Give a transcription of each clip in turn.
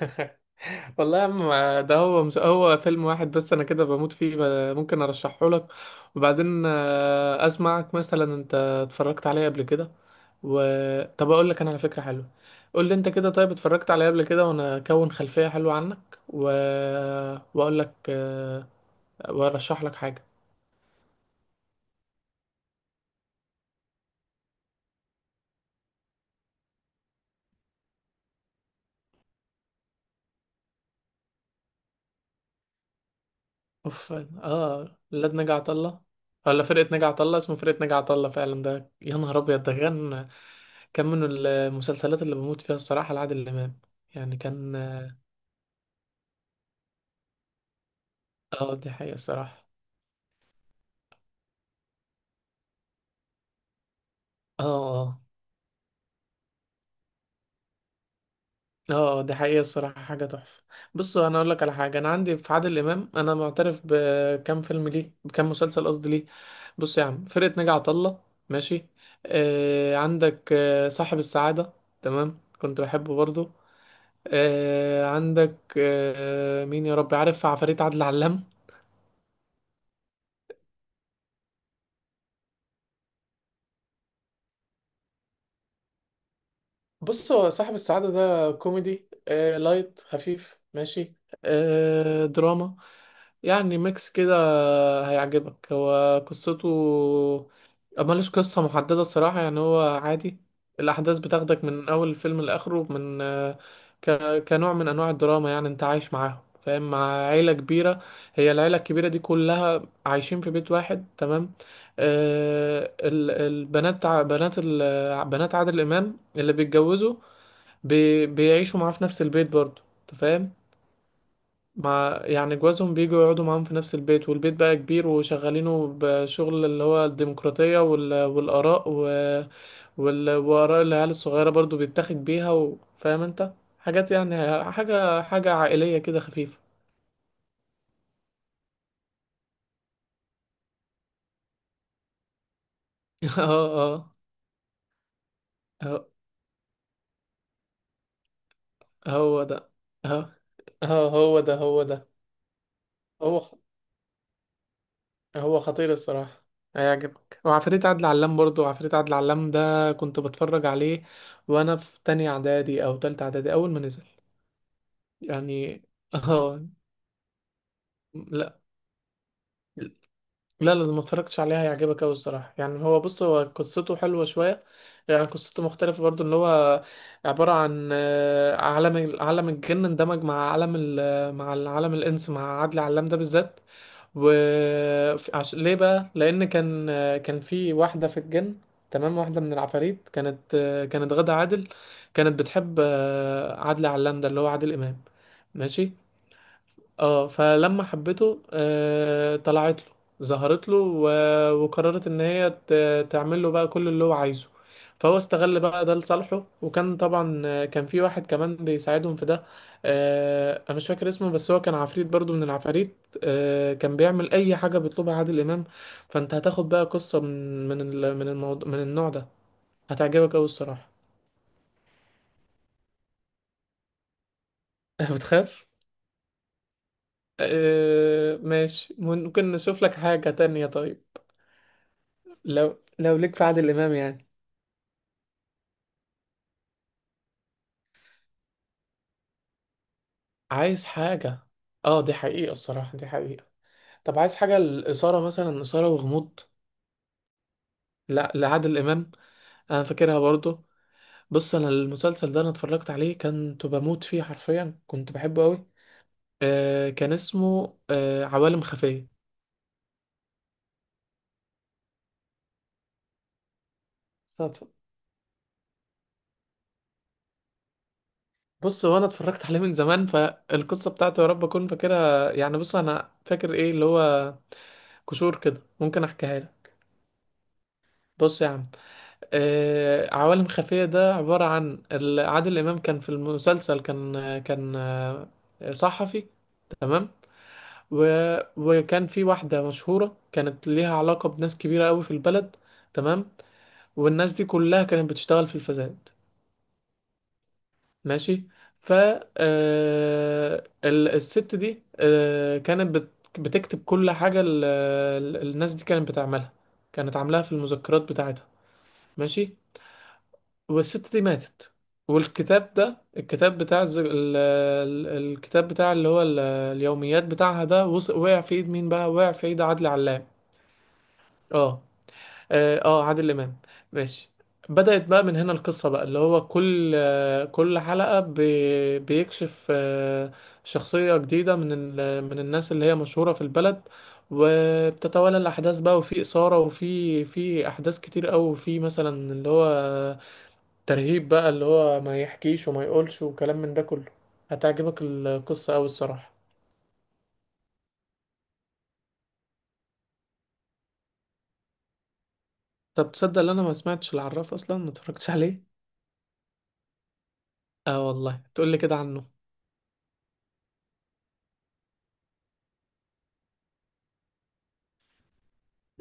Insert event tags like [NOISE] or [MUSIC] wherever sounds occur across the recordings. [LAUGHS] والله يا عم، ده هو مش هو فيلم واحد بس، انا كده بموت فيه. ممكن ارشحه لك وبعدين اسمعك مثلا انت اتفرجت عليه قبل كده و... طب اقول لك انا على فكرة حلوة. قول لي انت كده، طيب اتفرجت عليه قبل كده وانا اكون خلفية حلوة عنك واقول لك وارشح لك حاجة. اوف. اه، ولاد نجا عطا الله، ولا فرقة نجا عطا الله؟ اسمه فرقة نجا عطا الله فعلا. ده يا نهار ابيض، ده كان كان من المسلسلات اللي بموت فيها الصراحة، لعادل امام. يعني كان. اه دي حقيقة الصراحة. اه اه اه. دي حقيقة الصراحة، حاجة تحفة. بصوا، انا اقول لك على حاجة، انا عندي في عادل امام انا معترف بكام فيلم ليه، بكام مسلسل قصدي ليه. بص يا عم، فرقة نجا عطا الله، ماشي. آه عندك آه صاحب السعادة، تمام كنت بحبه برضو. آه عندك آه مين يا رب عارف، عفاريت عادل علام. بص، هو صاحب السعادة ده كوميدي، آه لايت خفيف ماشي، آه دراما، يعني ميكس كده. هيعجبك. هو قصته، ملوش قصة محددة الصراحة، يعني هو عادي. الأحداث بتاخدك من أول الفيلم لآخره، من ك... كنوع من أنواع الدراما. يعني أنت عايش معاهم، فاهم، مع عيلة كبيرة. هي العيلة الكبيرة دي كلها عايشين في بيت واحد، تمام؟ آه البنات، بنات بنات عادل امام اللي بيتجوزوا بيعيشوا معاه في نفس البيت برضه، انت فاهم؟ مع يعني جوازهم، بيجوا يقعدوا معاهم في نفس البيت، والبيت بقى كبير وشغالينه بشغل اللي هو الديمقراطية والآراء وآراء العيال الصغيرة برضه بيتاخد بيها، فاهم انت، حاجات، يعني حاجة حاجة عائلية كده خفيفة. [LAUGHS] اه اه، هو هو ده، اه اه هو ده هو ده. هو هو خطير الصراحة. هيعجبك. وعفاريت عدل علام برضو، عفاريت عدل علام ده كنت بتفرج عليه وانا في تانية اعدادي او تالتة اعدادي، اول ما نزل يعني. [LAUGHS] اه. لا لا، ما اتفرجتش عليها. هيعجبك قوي الصراحه. يعني هو، بص، هو قصته حلوه شويه، يعني قصته مختلفه برضو. ان هو عباره عن عالم عالم الجن اندمج مع عالم مع العالم الانس، مع عادل علام ده بالذات. و ليه بقى؟ لان كان كان في واحده في الجن، تمام، واحده من العفاريت، كانت كانت غادة عادل. كانت بتحب عادل علام ده اللي هو عادل امام، ماشي. اه فلما حبته آه، طلعت له، ظهرت له، وقررت ان هي تعمل له بقى كل اللي هو عايزه. فهو استغل بقى ده لصالحه، وكان طبعا كان في واحد كمان بيساعدهم في ده. آه انا مش فاكر اسمه، بس هو كان عفريت برضو من العفاريت، آه كان بيعمل اي حاجة بيطلبها عادل امام. فانت هتاخد بقى قصة من الموضوع، من النوع ده. هتعجبك اوي الصراحة. [LAUGHS] بتخاف؟ آه ماشي، ممكن نشوف لك حاجة تانية طيب. لو لو ليك في عادل امام يعني، عايز حاجة. اه دي حقيقة الصراحة، دي حقيقة. طب عايز حاجة الإثارة مثلا، إثارة وغموض؟ لا لعادل إمام. أنا فاكرها برضو. بص، أنا المسلسل ده أنا اتفرجت عليه كنت بموت فيه حرفيا، كنت بحبه أوي. آه كان اسمه آه عوالم خفية. صدفة. بص، هو أنا اتفرجت [LAUGHS] عليه من زمان، فالقصة بتاعته يا رب أكون فاكرها يعني. بص أنا فاكر إيه اللي هو كشور كده، ممكن أحكيها لك. بص يا عم، عوالم خفية ده عبارة عن عادل إمام كان في المسلسل، كان كان صحفي، تمام، و... وكان في واحدة مشهورة كانت ليها علاقة بناس كبيرة قوي في البلد، تمام. والناس دي كلها كانت بتشتغل في الفساد، ماشي. ف آه، الست دي بتكتب كل حاجة الناس دي كانت بتعملها، كانت عاملاها في المذكرات بتاعتها، ماشي. والست دي ماتت، والكتاب ده، الكتاب بتاع الز... ال... ال- الكتاب بتاع اللي هو اليوميات بتاعها ده، وقع في ايد مين بقى؟ وقع في ايد عادل علام. اه اه آه، عادل امام، ماشي. بدأت بقى من هنا القصة بقى، اللي هو كل كل حلقة بيكشف آه، شخصية جديدة من من الناس اللي هي مشهورة في البلد. وبتتوالى الأحداث بقى، وفي إثارة وفي في أحداث كتير أوي، وفي مثلا اللي هو ترهيب بقى، اللي هو ما يحكيش وما يقولش وكلام من ده كله. هتعجبك القصة أوي الصراحة. طب تصدق ان انا ما سمعتش العراف اصلا؟ ما اتفرجتش عليه. اه والله، تقول لي كده عنه.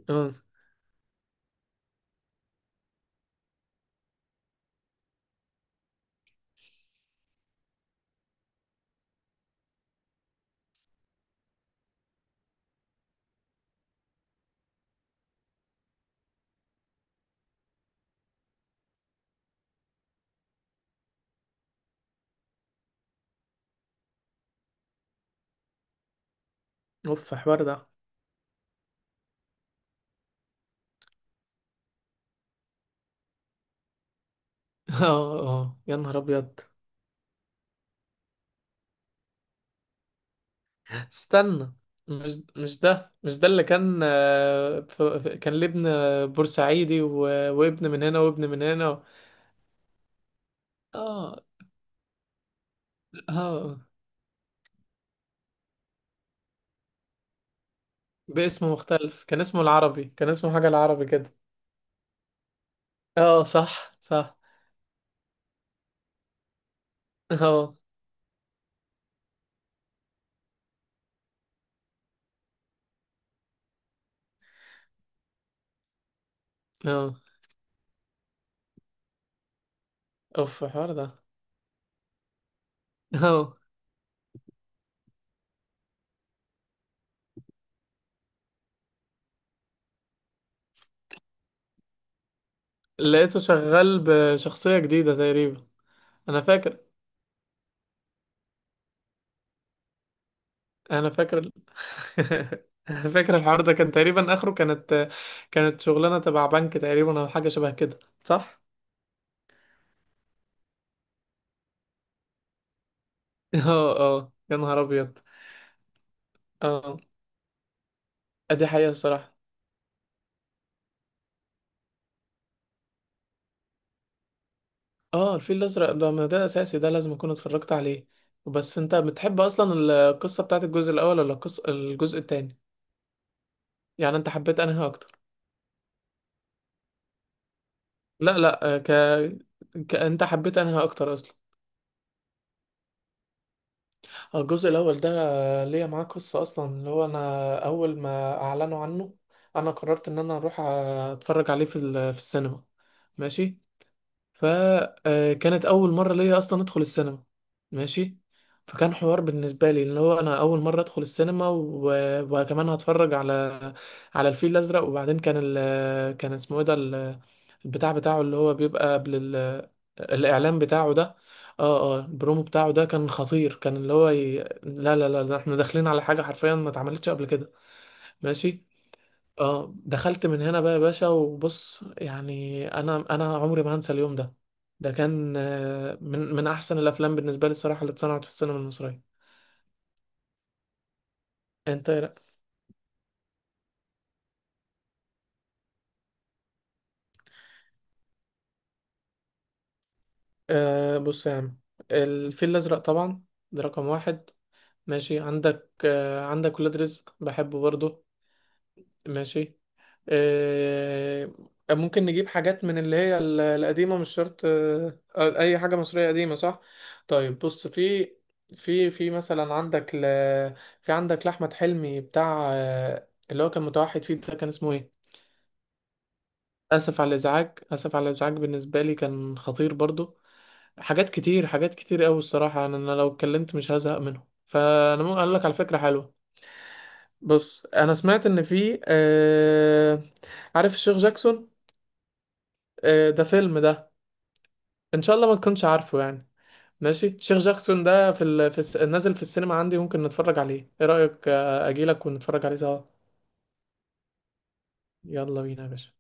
اه اوف حوار ده. [LAUGHS] اه اه يا نهار ابيض. استنى، مش مش ده اللي كان كان ليه ابن بورسعيدي وابن من هنا وابن من هنا اه اه آه. باسم مختلف، كان اسمه العربي، كان اسمه حاجة العربي كده. اه صح صح. [LAUGHS] اه اه اوف الحوار ده. اه، لقيته شغال بشخصية جديدة تقريبا. انا فاكر، انا فاكر. [LAUGHS] انا فاكر الحوار ده كان تقريبا اخره، كانت كانت شغلانة تبع بنك تقريبا، او حاجة شبه كده، صح؟ اه اه يا نهار ابيض. اه دي حقيقة الصراحة. اه الفيل الازرق ده، ما ده اساسي، ده لازم اكون اتفرجت عليه. بس انت بتحب اصلا القصة بتاعت الجزء الاول ولا القصة الجزء التاني؟ يعني انت حبيت انهي اكتر؟ لا لا انت حبيت انهي اكتر اصلا؟ الجزء الأول ده ليا معاه قصة أصلا، اللي هو أنا أول ما أعلنوا عنه أنا قررت إن أنا أروح أتفرج عليه في السينما، ماشي. فكانت اول مره ليا اصلا ادخل السينما، ماشي. فكان حوار بالنسبه لي، اللي هو انا اول مره ادخل السينما، وكمان هتفرج على على الفيل الازرق. وبعدين كان كان اسمه ايه ده البتاع بتاعه اللي هو بيبقى قبل الاعلان بتاعه ده. اه اه البرومو بتاعه ده كان خطير، كان اللي هو لا لا لا، ده احنا داخلين على حاجه حرفيا ما اتعملتش قبل كده، ماشي. اه، دخلت من هنا بقى يا باشا، وبص يعني، انا انا عمري ما هنسى اليوم ده. ده كان من من احسن الافلام بالنسبه لي الصراحه اللي اتصنعت في السينما المصريه. انت إيه رأيك؟ آه بص يا عم، الفيل الازرق طبعا، ده رقم واحد، ماشي. عندك آه عندك ولاد رزق، بحبه برضه، ماشي. آه، ممكن نجيب حاجات من اللي هي القديمة، مش شرط، أي حاجة مصرية قديمة صح؟ طيب بص، في مثلا عندك في عندك لأحمد حلمي بتاع اللي هو كان متوحد فيه ده، كان اسمه ايه؟ آسف على الإزعاج، آسف على الإزعاج بالنسبة لي كان خطير برضو. حاجات كتير، حاجات كتير أوي الصراحة. أنا أنا لو اتكلمت مش هزهق منهم، فأنا ممكن أقول لك على فكرة حلوة. بص، أنا سمعت إن في عارف الشيخ جاكسون؟ ده فيلم ده، ان شاء الله ما تكونش عارفه يعني. ماشي، شيخ جاكسون ده في ال... في الس... نازل في السينما عندي، ممكن نتفرج عليه، ايه رأيك؟ اجيلك ونتفرج عليه سوا. يلا بينا يا باشا.